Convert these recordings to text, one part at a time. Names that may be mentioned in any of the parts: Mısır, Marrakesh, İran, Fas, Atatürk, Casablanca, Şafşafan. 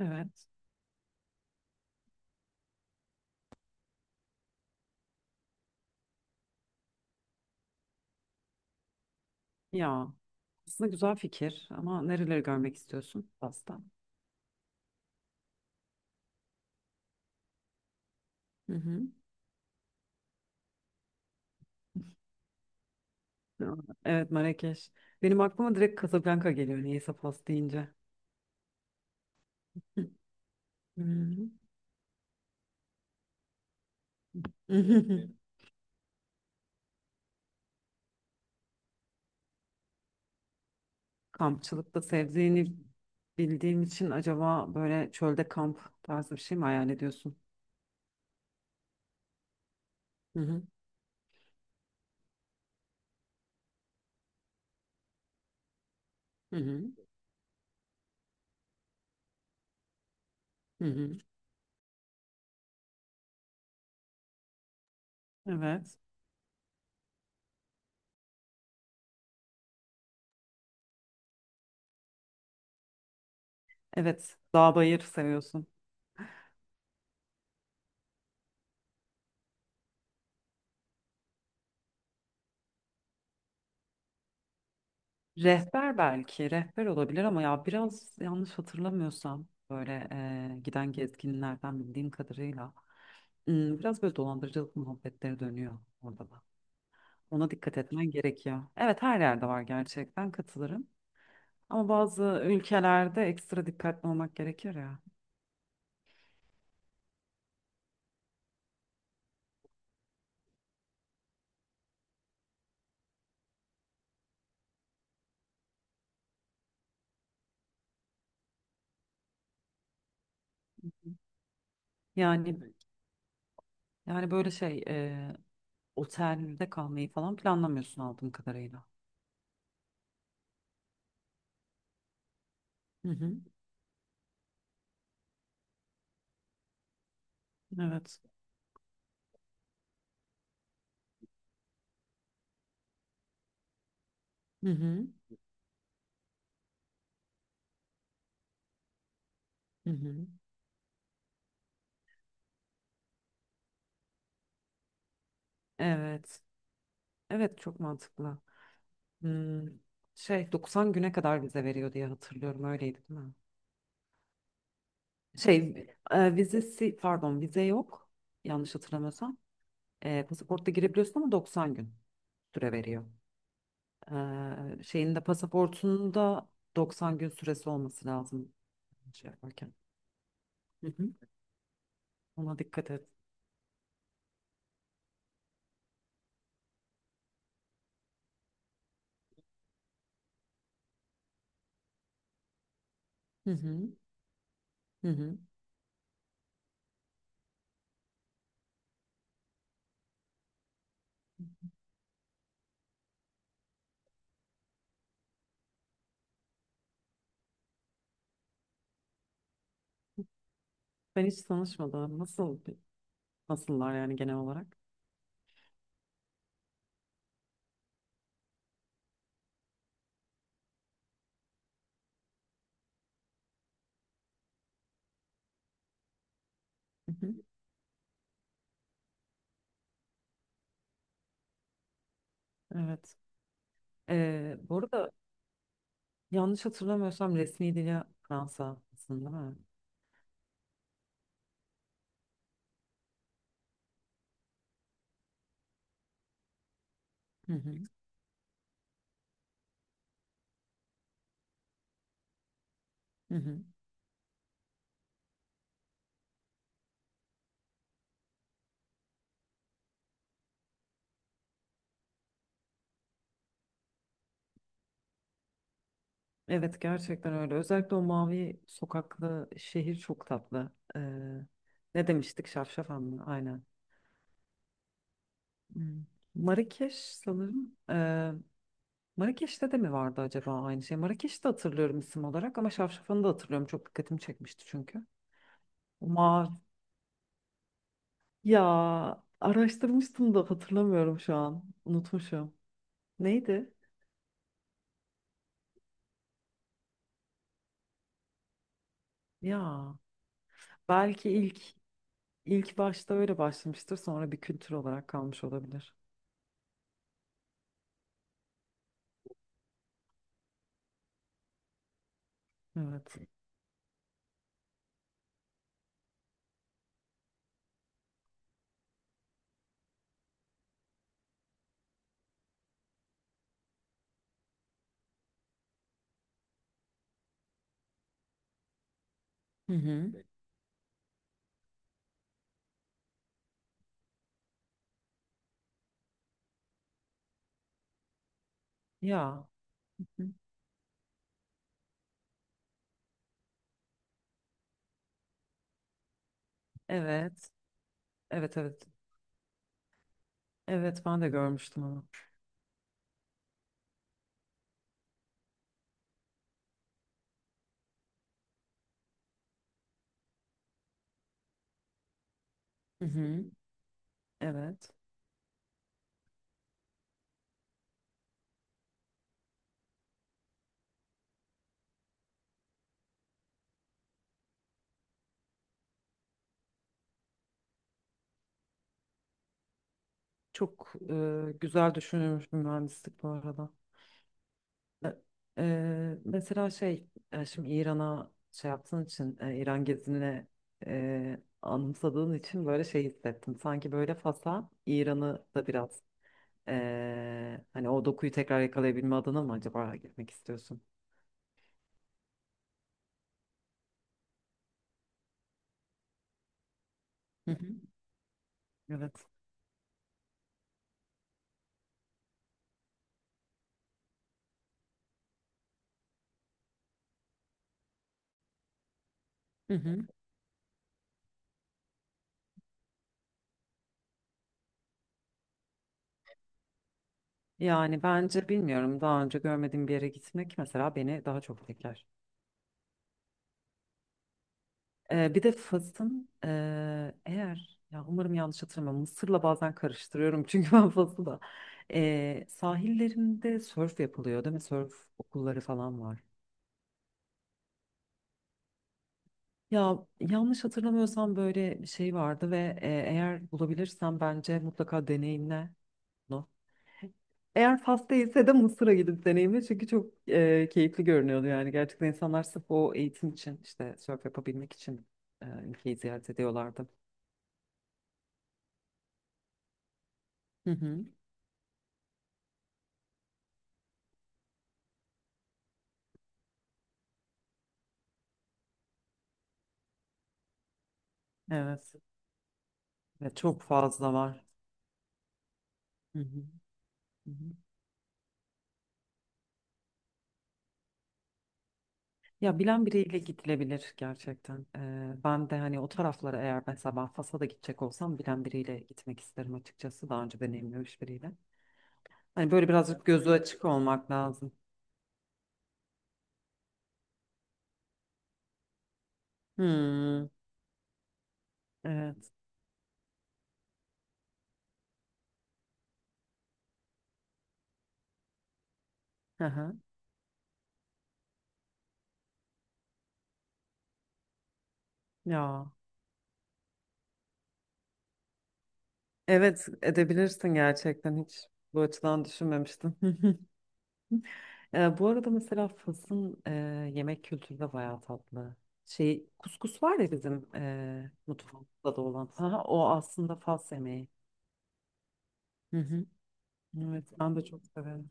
Evet. Ya aslında güzel fikir ama nereleri görmek istiyorsun Fas'ta? Hı hı. Evet, Marrakeş. Benim aklıma direkt Casablanca geliyor niyeyse Fas deyince. Hı hı. Kampçılıkta sevdiğini bildiğim için acaba böyle çölde kamp tarzı bir şey mi hayal ediyorsun? Hı hı. Hı hı. Hı hı. Evet. Evet, dağ bayır seviyorsun. Rehber belki, rehber olabilir ama ya biraz yanlış hatırlamıyorsam böyle giden gezginlerden bildiğim kadarıyla biraz böyle dolandırıcılık muhabbetleri dönüyor orada da. Ona dikkat etmen gerekiyor. Evet, her yerde var gerçekten, katılırım. Ama bazı ülkelerde ekstra dikkatli olmak gerekir ya. Yani yani böyle şey, otelde kalmayı falan planlamıyorsun aldığım kadarıyla. Hı hı. Evet. Hı hı. Hı hı. Evet. Evet, çok mantıklı. Hmm. Şey, 90 güne kadar vize veriyor diye hatırlıyorum. Öyleydi değil mi? Şey, vizesi pardon, vize yok. Yanlış hatırlamıyorsam. Pasaportta girebiliyorsun ama 90 gün süre veriyor. E, şeyin de pasaportunda 90 gün süresi olması lazım, şey yaparken. Hı hı. Ona dikkat et. Hı hı. Hı hı. Ben hiç tanışmadım. Nasıllar yani genel olarak? Hı hı. Evet. Bu arada yanlış hatırlamıyorsam resmi dili Fransa aslında, değil mi? Hı hı. Hı hı. Evet, gerçekten öyle. Özellikle o mavi sokaklı şehir çok tatlı. Ne demiştik? Şafşafan mı? Aynen. Hmm. Marrakeş sanırım. Marrakeş'te de mi vardı acaba aynı şey? Marrakeş'te hatırlıyorum isim olarak ama Şafşafan'ı da hatırlıyorum. Çok dikkatimi çekmişti çünkü. O mavi. Ya, araştırmıştım da hatırlamıyorum şu an. Unutmuşum. Neydi? Ya, belki ilk başta öyle başlamıştır, sonra bir kültür olarak kalmış olabilir. Evet. Hı hı. Ya. Hı. Evet. Evet, evet. Evet, ben de görmüştüm onu. Hı hı. Evet. Çok güzel düşünülmüş bir mühendislik bu arada. E, Mesela şey, şimdi İran'a şey yaptığın için, İran gezine anımsadığın için böyle şey hissettim. Sanki böyle Fas'a İran'ı da biraz. Hani o dokuyu tekrar yakalayabilme adına mı acaba gitmek istiyorsun? Hı hı. Evet. Hı hı. Yani bence, bilmiyorum, daha önce görmediğim bir yere gitmek mesela beni daha çok etkiler. Bir de Fas'ın eğer, ya umarım yanlış hatırlamam, Mısır'la bazen karıştırıyorum çünkü ben Fas'ı da. Sahillerinde sörf yapılıyor değil mi? Sörf okulları falan var. Ya, yanlış hatırlamıyorsam böyle bir şey vardı ve eğer bulabilirsem bence mutlaka deneyimle bunu. Eğer Fas değilse de Mısır'a gidip deneyimle, çünkü çok keyifli görünüyordu. Yani gerçekten insanlar sırf o eğitim için, işte sörf yapabilmek için ülkeyi ziyaret ediyorlardı. Hı hı. Evet. Ve çok fazla var. Hı hı. Hı hı. Ya, bilen biriyle gidilebilir gerçekten. E, ben de hani o taraflara, eğer mesela ben Fas'a da gidecek olsam, bilen biriyle gitmek isterim açıkçası, daha önce deneyimlemiş biriyle. Hani böyle birazcık gözü açık olmak lazım. Hmm, evet. Hı hı. Ya. Evet, edebilirsin gerçekten, hiç bu açıdan düşünmemiştim. Bu arada mesela Fas'ın yemek kültürü de bayağı tatlı. Şey, kuskus var ya bizim mutfağımızda da olan. Ha, o aslında Fas yemeği. Hı hı. Evet, ben de çok severim.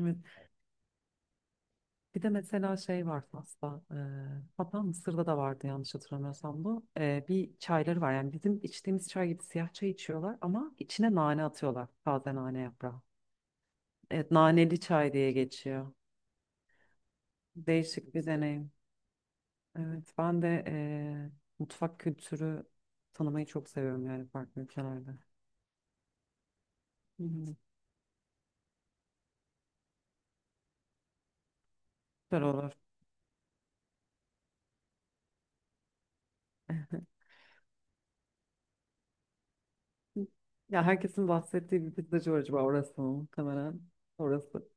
Evet. Bir de mesela şey var Fas'ta. E, hatta Mısır'da da vardı yanlış hatırlamıyorsam bu. E, bir çayları var, yani bizim içtiğimiz çay gibi siyah çay içiyorlar ama içine nane atıyorlar. Taze nane yaprağı. Evet, naneli çay diye geçiyor. Değişik bir deneyim. Evet, ben de mutfak kültürü tanımayı çok seviyorum yani, farklı ülkelerde. Hı hı. Süper olur. Ya, herkesin bahsettiği bir pizzacı var, acaba orası mı? Muhtemelen orası.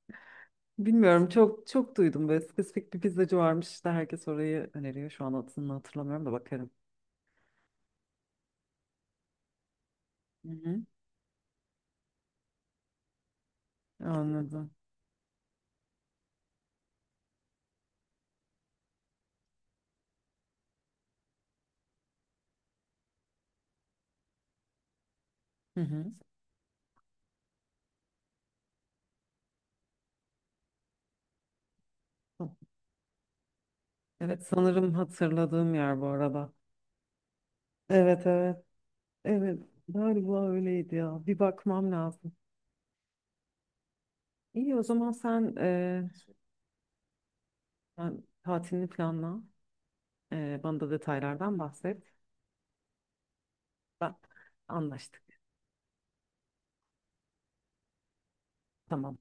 Bilmiyorum, çok çok duydum böyle spesifik bir pizzacı varmış, işte herkes orayı öneriyor. Şu an adını hatırlamıyorum da, bakarım. Hı hı. Anladım. Hı hı. Evet, sanırım hatırladığım yer bu arada. Evet, evet. Evet, galiba öyleydi ya. Bir bakmam lazım. İyi, o zaman sen, sen tatilini planla. E, bana da detaylardan bahset. Ben, anlaştık. Tamam.